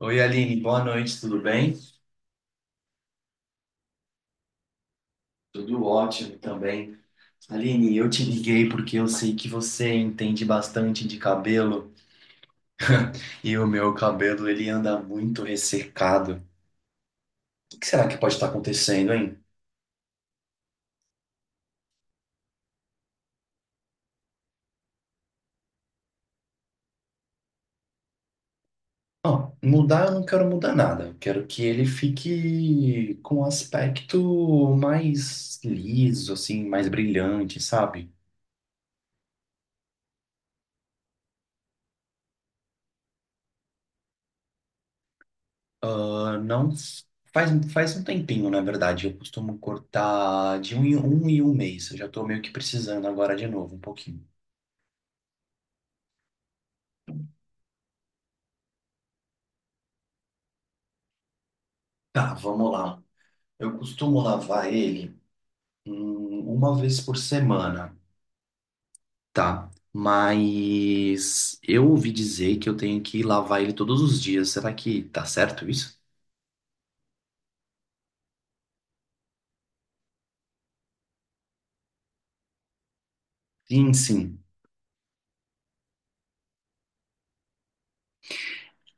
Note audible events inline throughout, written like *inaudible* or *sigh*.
Oi, Aline, boa noite, tudo bem? Tudo ótimo também. Aline, eu te liguei porque eu sei que você entende bastante de cabelo e o meu cabelo ele anda muito ressecado. O que será que pode estar acontecendo, hein? Ó, mudar eu não quero mudar nada. Eu quero que ele fique com um aspecto mais liso, assim, mais brilhante, sabe? Ah, não faz um tempinho, na verdade. Eu costumo cortar de um em um, em um mês. Eu já tô meio que precisando agora de novo, um pouquinho. Tá, vamos lá. Eu costumo lavar ele uma vez por semana. Tá, mas eu ouvi dizer que eu tenho que lavar ele todos os dias. Será que tá certo isso? Sim, sim.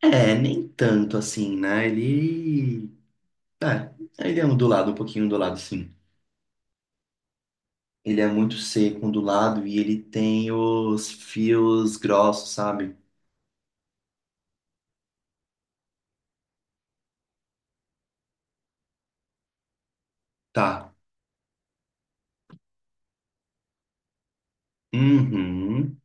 É, nem tanto assim, né? Ele. É, ele é ondulado, um pouquinho ondulado, sim. Ele é muito seco, ondulado e ele tem os fios grossos, sabe? Tá. Uhum.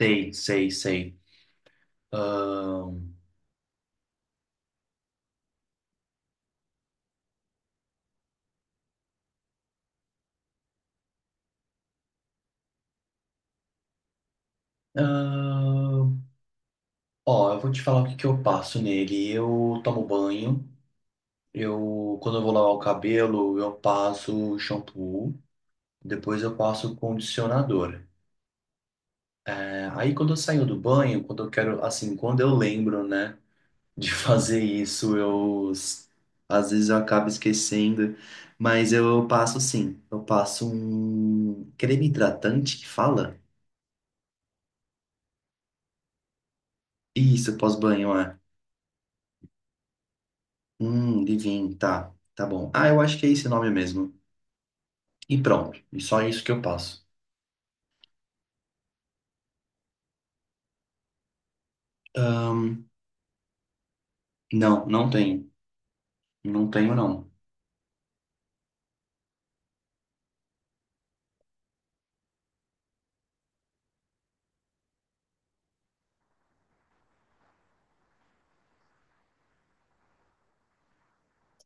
Sei, sei, sei. Ahn, ahn. Ó, eu vou te falar o que que eu passo nele. Eu tomo banho. Eu, quando eu vou lavar o cabelo, eu passo shampoo. Depois eu passo condicionador. É, aí quando eu saio do banho, quando eu quero, assim, quando eu lembro, né? De fazer isso. Às vezes eu acabo esquecendo, mas eu passo sim. Eu passo um creme hidratante, que fala? Isso, pós-banho, é. Divino, tá. Tá bom. Ah, eu acho que é esse nome mesmo. E pronto. E só isso que eu passo. Não, não tenho. Não tenho, não.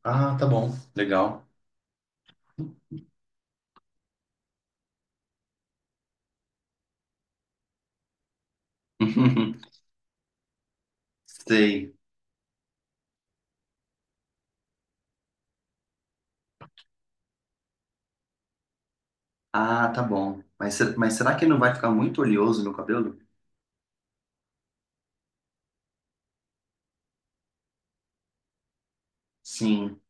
Ah, tá bom. Legal. *laughs* Sei. Ah, tá bom. Mas será que não vai ficar muito oleoso meu cabelo? Sim.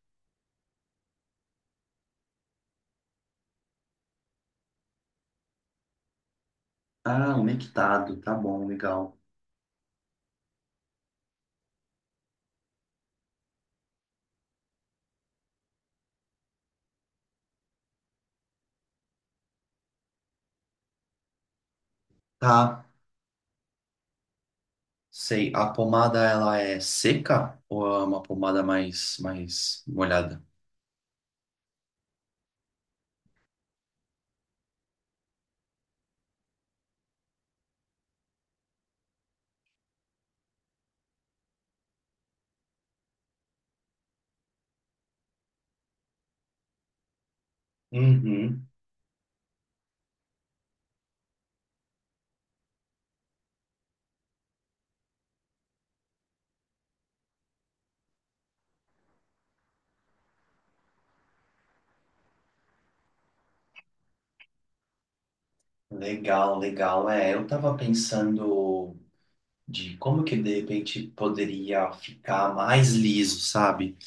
Ah, umectado. Tá bom, legal. Tá. Sei, a pomada ela é seca ou é uma pomada mais molhada? Uhum. Legal, legal. É, eu tava pensando de como que de repente poderia ficar mais liso, sabe?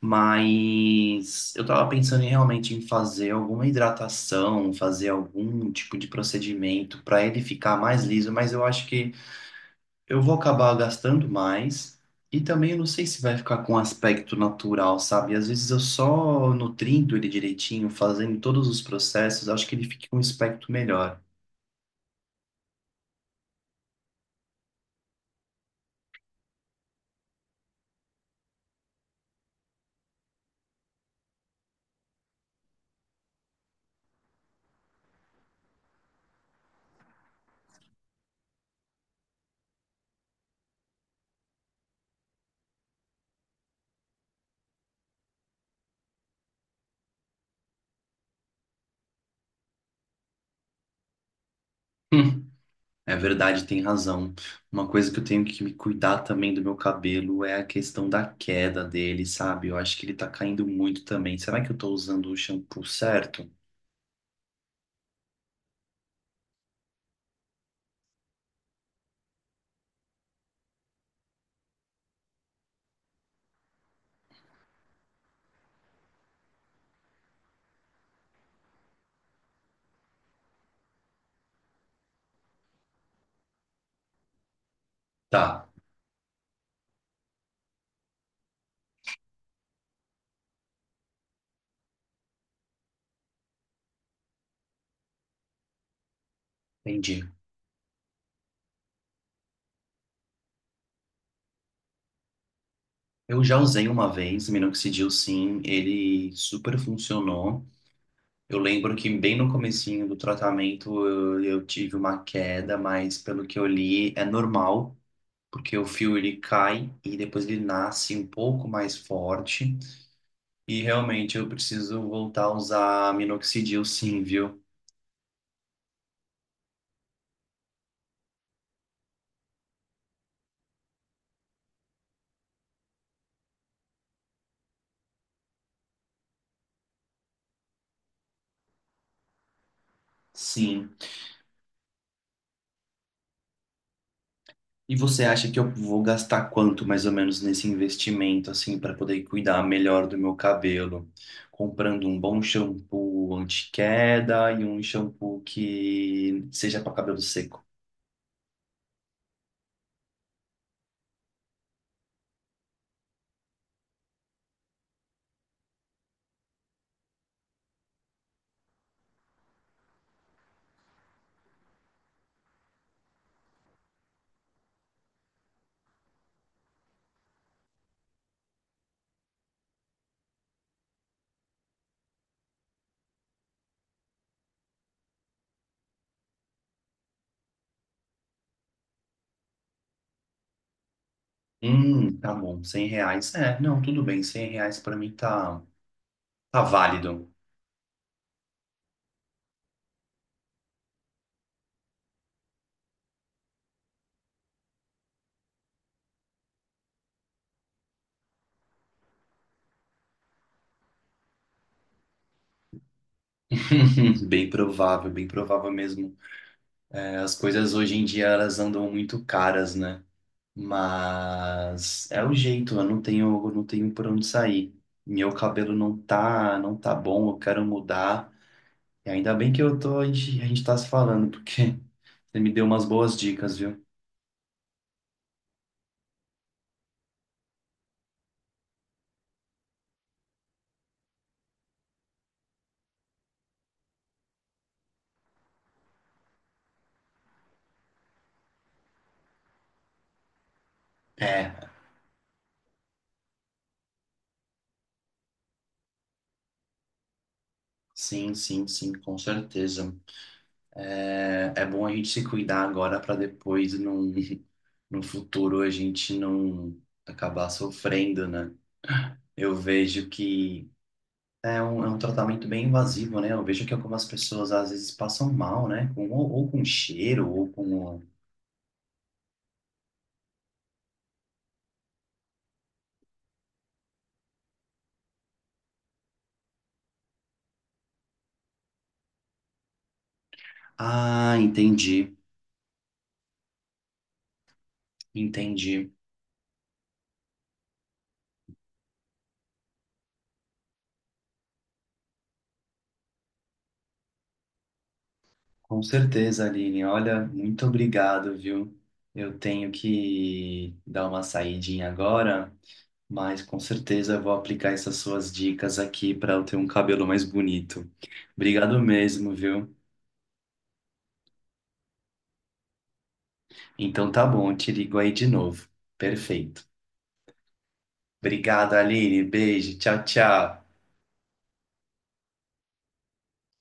Mas eu tava pensando em, realmente em fazer alguma hidratação, fazer algum tipo de procedimento para ele ficar mais liso, mas eu acho que eu vou acabar gastando mais e também eu não sei se vai ficar com um aspecto natural, sabe? Às vezes eu só nutrindo ele direitinho, fazendo todos os processos, acho que ele fica com um aspecto melhor. *laughs* Hum, É verdade, tem razão. Uma coisa que eu tenho que me cuidar também do meu cabelo é a questão da queda dele, sabe? Eu acho que ele tá caindo muito também. Será que eu tô usando o shampoo certo? Tá, entendi. Eu já usei uma vez, minoxidil sim, ele super funcionou. Eu lembro que bem no comecinho do tratamento eu tive uma queda, mas pelo que eu li é normal, porque o fio ele cai e depois ele nasce um pouco mais forte. E realmente eu preciso voltar a usar minoxidil sim, viu? Sim. E você acha que eu vou gastar quanto mais ou menos nesse investimento assim para poder cuidar melhor do meu cabelo? Comprando um bom shampoo anti-queda e um shampoo que seja para cabelo seco. Tá bom, 100 reais. É, não, tudo bem, 100 reais pra mim tá, tá válido. *laughs* Bem provável mesmo. É, as coisas hoje em dia elas andam muito caras, né? Mas é o jeito, eu não tenho por onde sair. Meu cabelo não tá bom, eu quero mudar. E ainda bem que eu tô, a gente tá se falando, porque *laughs* você me deu umas boas dicas, viu? É, sim, sim, sim, com certeza. É é bom a gente se cuidar agora para depois não, *laughs* no futuro a gente não acabar sofrendo, né? Eu vejo que é um tratamento bem invasivo, né? Eu vejo que algumas pessoas às vezes passam mal, né? Com, ou com cheiro, ou com. Ah, entendi, entendi. Com certeza, Aline. Olha, muito obrigado, viu? Eu tenho que dar uma saidinha agora, mas com certeza eu vou aplicar essas suas dicas aqui para eu ter um cabelo mais bonito. Obrigado mesmo, viu? Então tá bom, eu te ligo aí de novo. Perfeito. Obrigado, Aline. Beijo. Tchau, tchau.